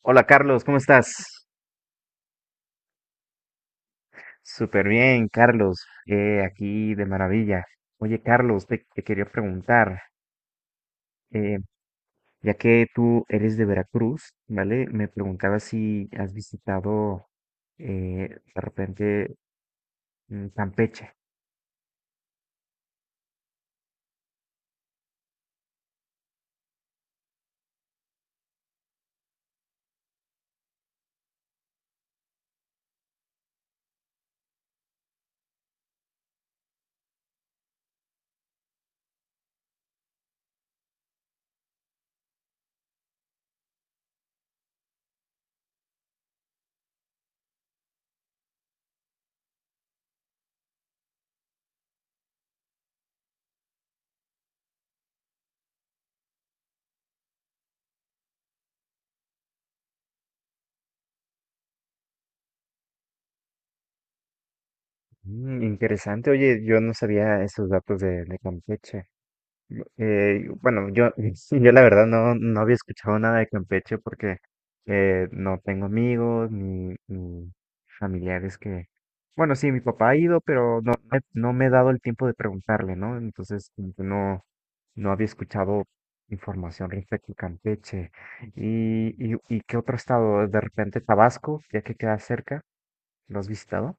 Hola Carlos, ¿cómo estás? Súper bien, Carlos. Aquí de maravilla. Oye, Carlos, te quería preguntar, eh, ya que tú eres de Veracruz, ¿vale? Me preguntaba si has visitado eh, de repente Campeche. Interesante, oye, yo no sabía esos datos de Campeche. Bueno, sí, yo la verdad no había escuchado nada de Campeche porque no tengo amigos ni familiares que. Bueno, sí, mi papá ha ido, pero no, no me he dado el tiempo de preguntarle, ¿no? Entonces, como que no había escuchado información respecto a Campeche. ¿Y qué otro estado? De repente Tabasco, ya que queda cerca, ¿lo has visitado?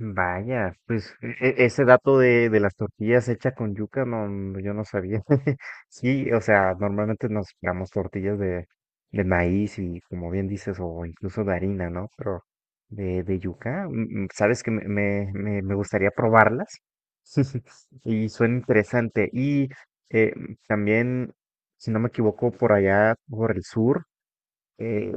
Vaya, pues ese dato de las tortillas hechas con yuca, no, no, yo no sabía. Sí, o sea, normalmente nos damos tortillas de maíz y como bien dices, o incluso de harina, ¿no? Pero de yuca, sabes que me gustaría probarlas. Y suena interesante. Y eh, también, si no me equivoco, por allá, por el sur, eh,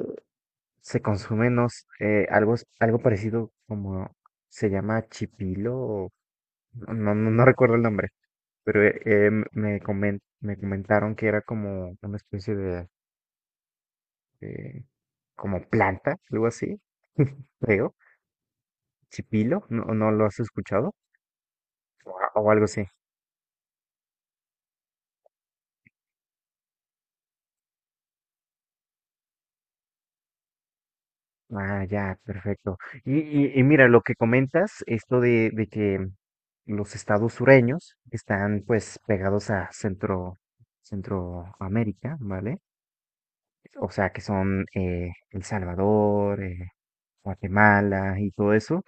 se consume, no s- algo, algo parecido como se llama chipilo, no, no, no recuerdo el nombre, pero me comentaron que era como una especie de, eh, como planta, algo así, creo, chipilo, ¿no, no lo has escuchado? O, o algo así. Ah, ya, perfecto. Y, y mira, lo que comentas, esto de que los estados sureños están pues pegados a Centroamérica, ¿vale? O sea, que son El Salvador, Guatemala y todo eso.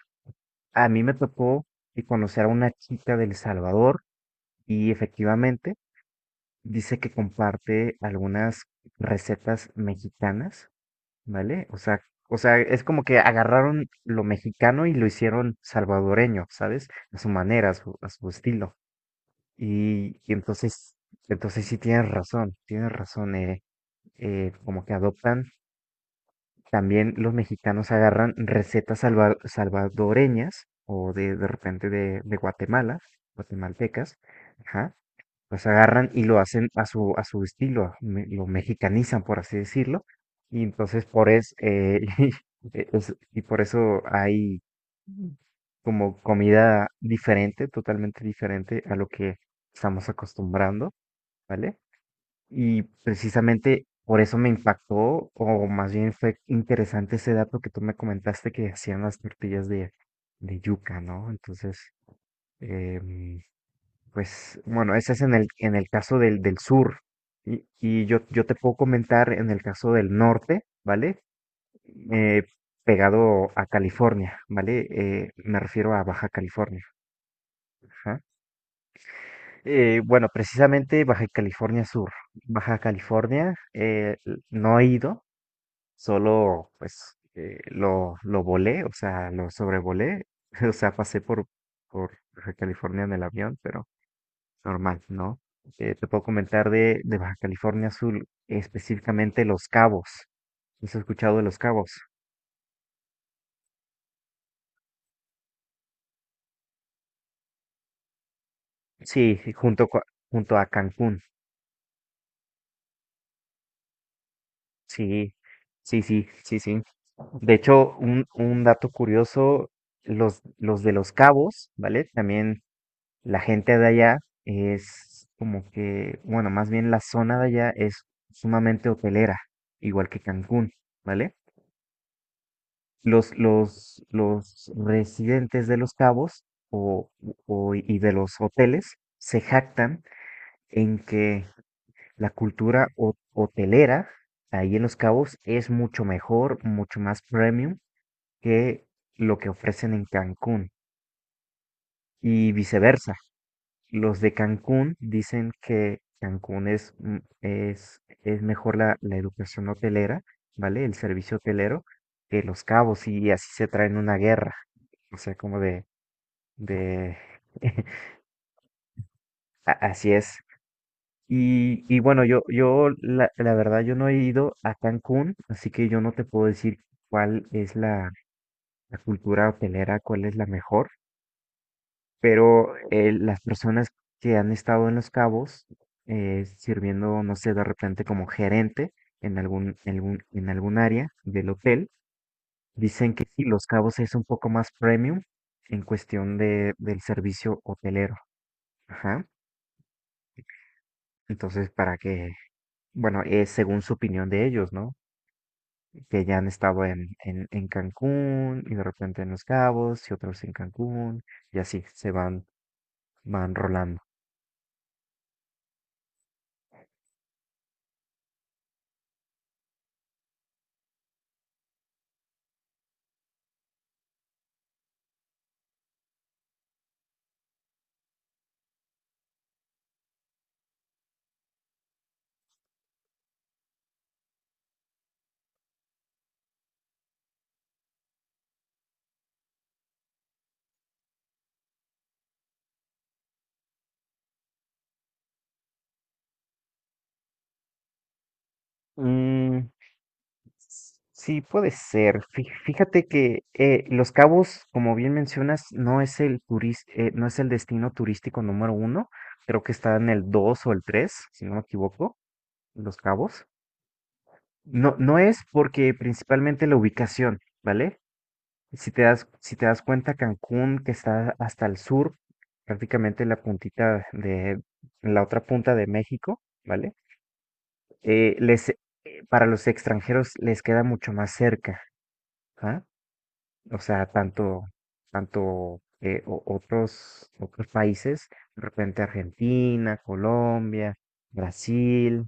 A mí me tocó y conocer a una chica del Salvador y efectivamente dice que comparte algunas recetas mexicanas, ¿vale? O sea, es como que agarraron lo mexicano y lo hicieron salvadoreño, ¿sabes? A su manera, a su estilo. Y entonces sí tienes razón, como que adoptan. También los mexicanos agarran recetas salvadoreñas o de repente de Guatemala, guatemaltecas, ajá, los agarran y lo hacen a su estilo, lo mexicanizan, por así decirlo, y entonces y por eso hay como comida diferente, totalmente diferente a lo que estamos acostumbrando, ¿vale? Y precisamente por eso me impactó, o más bien fue interesante ese dato que tú me comentaste que hacían las tortillas de yuca, ¿no? Entonces, em, pues bueno, ese es en el caso del sur. Y yo te puedo comentar en el caso del norte, ¿vale? Eh, Pegado a California, ¿vale? Me refiero a Baja California. Ajá. Bueno, precisamente Baja California Sur. Baja California, no he ido. Solo, pues, lo volé, o sea, lo sobrevolé, o sea, pasé por Baja California en el avión, pero normal, ¿no? Te puedo comentar de Baja California Sur, específicamente Los Cabos. ¿Has escuchado de Los Cabos? Sí, y junto a Cancún. Sí, sí, sí, sí, sí. De hecho, un dato curioso, los de Los Cabos, ¿vale? También la gente de allá es como que, bueno, más bien la zona de allá es sumamente hotelera, igual que Cancún, ¿vale? Los residentes de Los Cabos o, y de los hoteles se jactan en que la cultura hotelera ahí en Los Cabos es mucho mejor, mucho más premium que lo que ofrecen en Cancún y viceversa. Los de Cancún dicen que Cancún es mejor la educación hotelera, ¿vale? El servicio hotelero que Los Cabos y así se traen una guerra. O sea, como de. Así es. Y bueno, yo la verdad, yo no he ido a Cancún, así que yo no te puedo decir cuál es la cultura hotelera, cuál es la mejor. Pero las personas que han estado en Los Cabos sirviendo, no sé, de repente como gerente en algún área del hotel, dicen que sí, Los Cabos es un poco más premium en cuestión del servicio hotelero. Ajá. Entonces, para que, bueno, es según su opinión de ellos, ¿no? Que ya han estado en Cancún y de repente en Los Cabos y otros en Cancún y así se van rolando. Mm, sí, puede ser. Fíjate que Los Cabos, como bien mencionas, no es el destino turístico número uno. Creo que está en el dos o el tres, si no me equivoco, Los Cabos. No, no es porque principalmente la ubicación, ¿vale? Si te das cuenta, Cancún, que está hasta el sur, prácticamente la puntita la otra punta de México, ¿vale? Eh, les, eh, para los extranjeros les queda mucho más cerca. ¿Ah? O sea, tanto otros países, de repente Argentina, Colombia, Brasil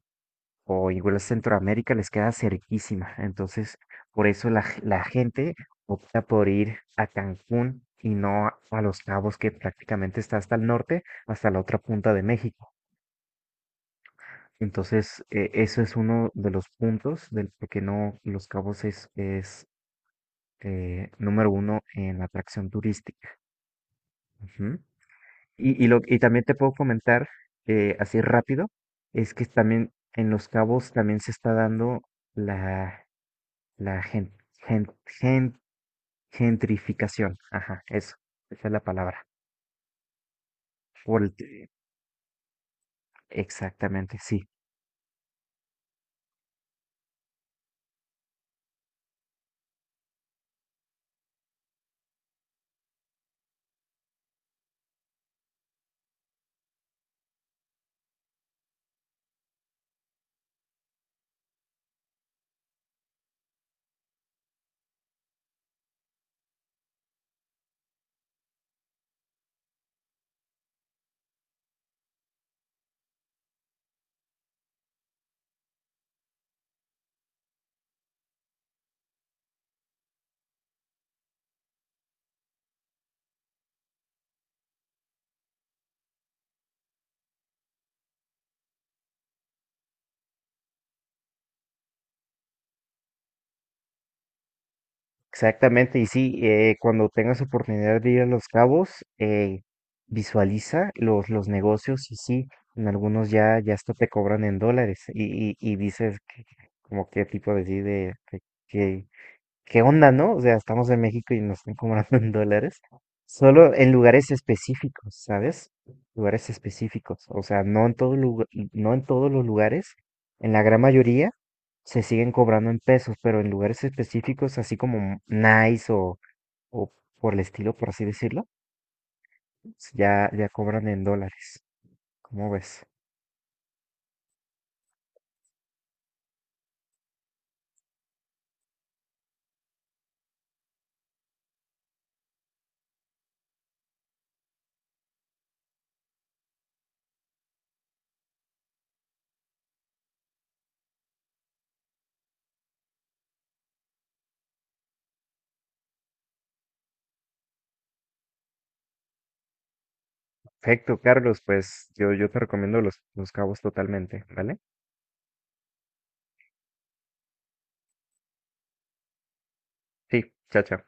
o igual Centroamérica les queda cerquísima. Entonces, por eso la gente opta por ir a Cancún y no a Los Cabos, que prácticamente está hasta el norte, hasta la otra punta de México. Entonces, eso es uno de los puntos del por qué no Los Cabos es número uno en atracción turística. Ujú. Y también te puedo comentar así rápido, es que también en Los Cabos también se está dando la, la gen- gen- gentrificación. Ajá, eso, esa es la palabra. Por el t- Exactamente, sí. Exactamente, y sí, cuando tengas oportunidad de ir a Los Cabos, visualiza los negocios y sí, en algunos ya hasta te cobran en dólares y dices como qué tipo de, sí, de, qué, ¿qué onda, no? O sea, estamos en México y nos están cobrando en dólares. Solo en lugares específicos, ¿sabes? Lugares específicos. O sea, no en todo lugar, no en todos los lugares. En la gran mayoría se siguen cobrando en pesos, pero en lugares específicos, así como Nice o por el estilo, por así decirlo, pues, ya cobran en dólares. ¿Cómo ves? Perfecto, Carlos, pues yo te recomiendo Los Cabos totalmente, ¿vale? Sí, chao, chao.